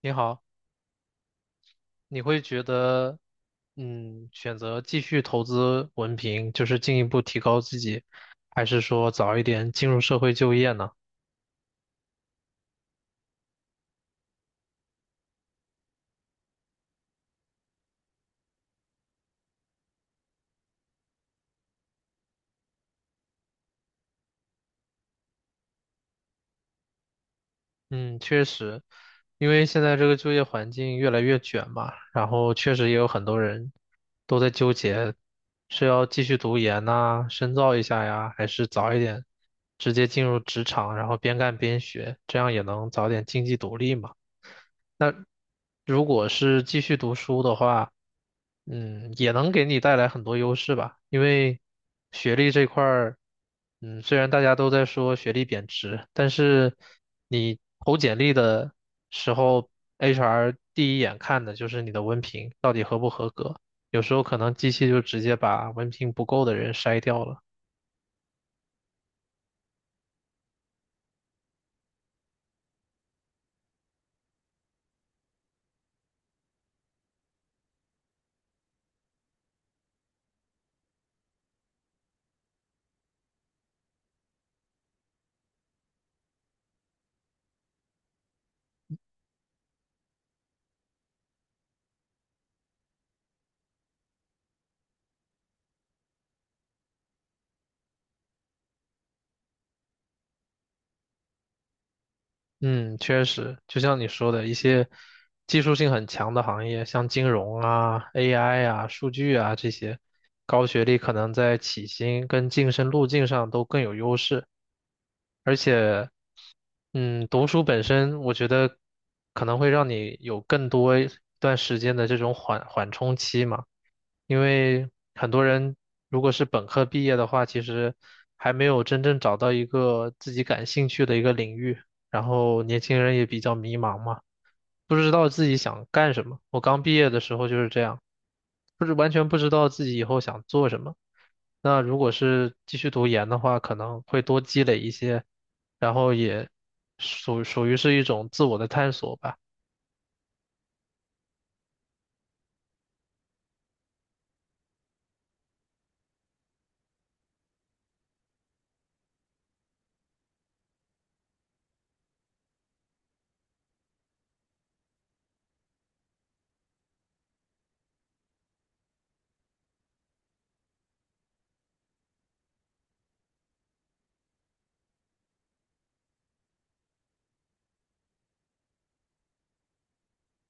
你好，你会觉得，选择继续投资文凭，就是进一步提高自己，还是说早一点进入社会就业呢？嗯，确实，因为现在这个就业环境越来越卷嘛，然后确实也有很多人都在纠结，是要继续读研呐，深造一下呀，还是早一点直接进入职场，然后边干边学，这样也能早点经济独立嘛。如果是继续读书的话，也能给你带来很多优势吧。因为学历这块儿，虽然大家都在说学历贬值，但是你投简历的时候，HR 第一眼看的就是你的文凭，到有时候可能机器就直接把文凭不够的人筛掉了。嗯，确实，就像你说的，一些技术性很强的行业，像金融啊、AI 啊、数据啊这些，高学历可能在起薪跟晋升路径上都更有优势。而且，读书本身，我觉得可能会让你有更多一段时间的这种缓冲期嘛。因为很多人如果是本科毕业的话，其实还没有真正找到一个自己感兴趣的一个领域。然后年轻人也比较迷茫嘛，不知道自己想干什么。我刚毕业的时候就是这样，不是完全不知道自己以后想做什么。那如果是继续读研的话，可能会多积累一些，然后也属于是一种自我的探索吧。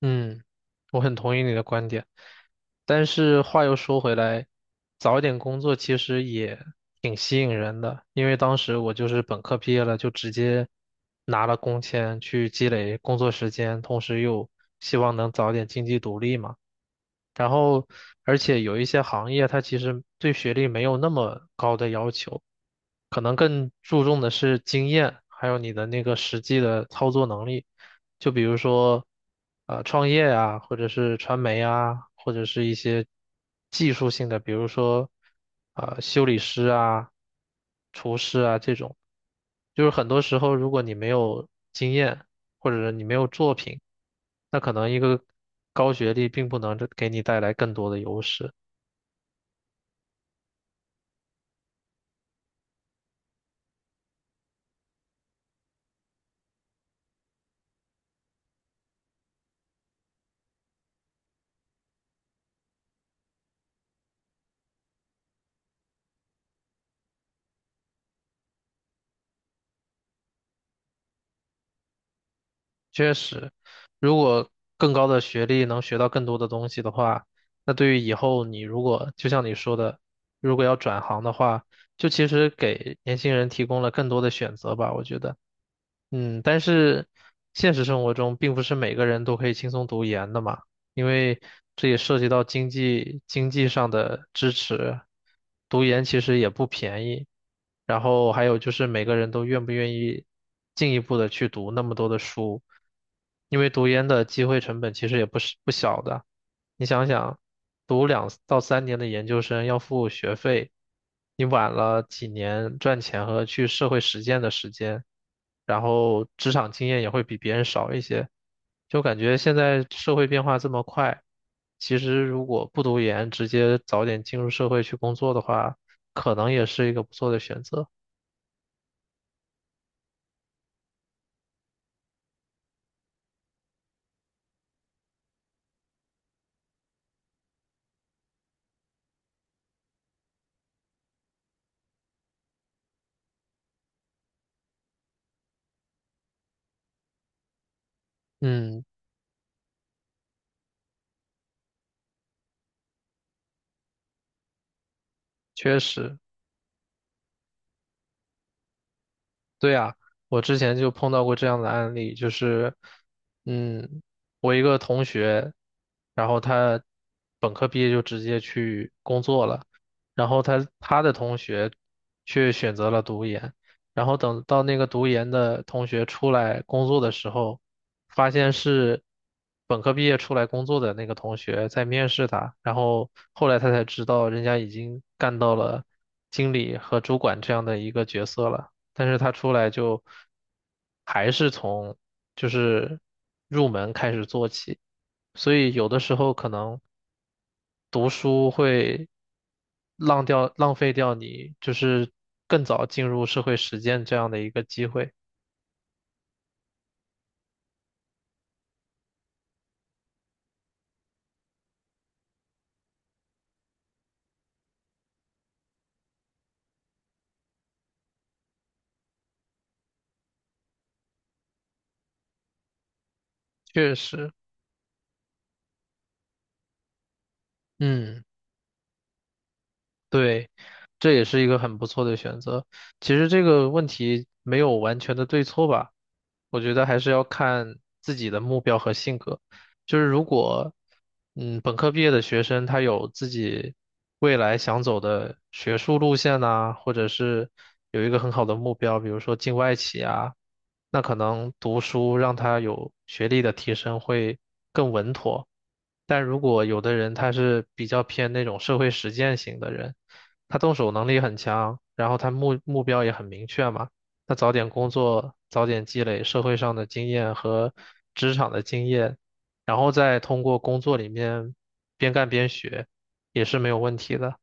嗯，我很同意你的观点，但是话又说回来，早一点工作其实也挺吸引人的，因为当时我就是本科毕业了，就直接拿了工签去积累工作时间，同时又希望能早点经济独立嘛。然后，而且有一些行业它其实对学历没有那么高的要求，可能更注重的是经验，还有你的那个实际的操作能力。就比如说，创业啊，或者是传媒啊，或者是一些技术性的，比如说，修理师啊、厨师啊这种，就是很多时候，如果你没有经验，或者是你没有作品，那可能一个高学历并不能给你带来更多的优势。确实，如果更高的学历能学到更多的东西的话，那对于以后你如果就像你说的，如果要转行的话，就其实给年轻人提供了更多的选择吧，我觉得。但是现实生活中并不是每个人都可以轻松读研的嘛，因为这也涉及到经济上的支持，读研其实也不便宜，然后还有就是每个人都愿不愿意进一步的去读那么多的书，因为读研的机会成本其实也不是不小的。你想想，读两到三年的研究生要付学费，你晚了几年赚钱和去社会实践的时间，然后职场经验也会比别人少一些，就感觉现在社会变化这么快，其实如果不读研，直接早点进入社会去工作的话，可能也是一个不错的选择。嗯，确实。对呀，我之前就碰到过这样的案例，就是，嗯，我一个同学，然后他本科毕业就直接去工作了，然后他的同学却选择了读研，然后等到那个读研的同学出来工作的时候，发现是本科毕业出来工作的那个同学在面试他，然后后来他才知道人家已经干到了经理和主管这样的一个角色了。但是他出来就还是从就是入门开始做起，所以有的时候可能读书会浪费掉你就是更早进入社会实践这样的一个机会，确实，嗯。对，这也是一个很不错的选择。其实这个问题没有完全的对错吧，我觉得还是要看自己的目标和性格。就是如果，本科毕业的学生他有自己未来想走的学术路线呐、或者是有一个很好的目标，比如说进外企啊，那可能读书让他有学历的提升会更稳妥。但如果有的人他是比较偏那种社会实践型的人，他动手能力很强，然后他目标也很明确嘛，那早点工作，早点积累社会上的经验和职场的经验，然后再通过工作里面边干边学，也是没有问题的。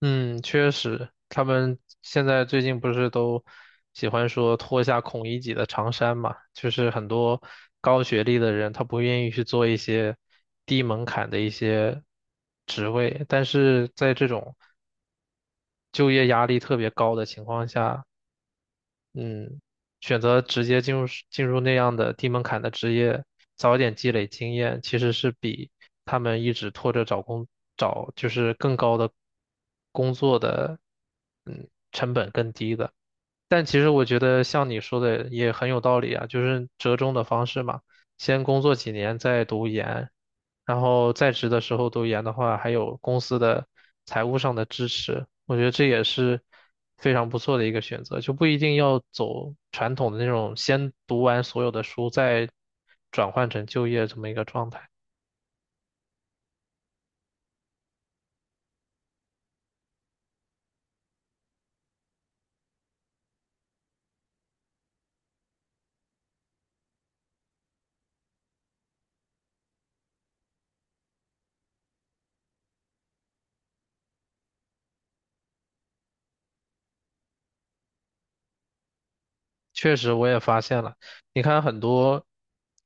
嗯，确实，他们现在最近不是都喜欢说脱下孔乙己的长衫嘛？就是很多高学历的人，他不愿意去做一些低门槛的一些职位，但是在这种就业压力特别高的情况下，嗯，选择直接进入那样的低门槛的职业，早一点积累经验，其实是比他们一直拖着找就是更高的工作的成本更低的。但其实我觉得像你说的也很有道理啊，就是折中的方式嘛，先工作几年再读研，然后在职的时候读研的话，还有公司的财务上的支持，我觉得这也是非常不错的一个选择，就不一定要走传统的那种先读完所有的书再转换成就业这么一个状态。确实，我也发现了。你看，很多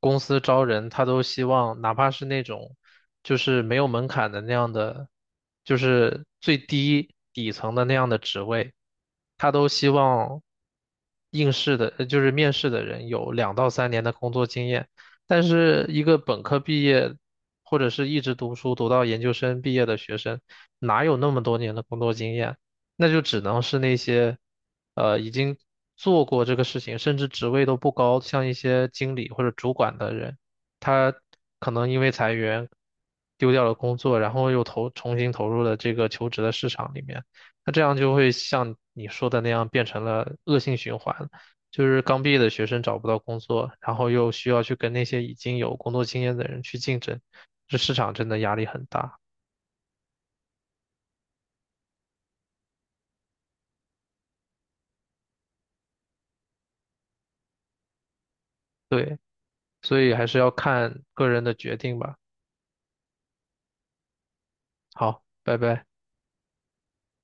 公司招人，他都希望哪怕是那种就是没有门槛的那样的，就是最低底层的那样的职位，他都希望应试的，就是面试的人有两到三年的工作经验。但是，一个本科毕业或者是一直读书读到研究生毕业的学生，哪有那么多年的工作经验？那就只能是那些，已经做过这个事情，甚至职位都不高，像一些经理或者主管的人，他可能因为裁员丢掉了工作，然后重新投入了这个求职的市场里面，那这样就会像你说的那样变成了恶性循环，就是刚毕业的学生找不到工作，然后又需要去跟那些已经有工作经验的人去竞争，这市场真的压力很大，对，所以还是要看个人的决定吧。好，拜拜。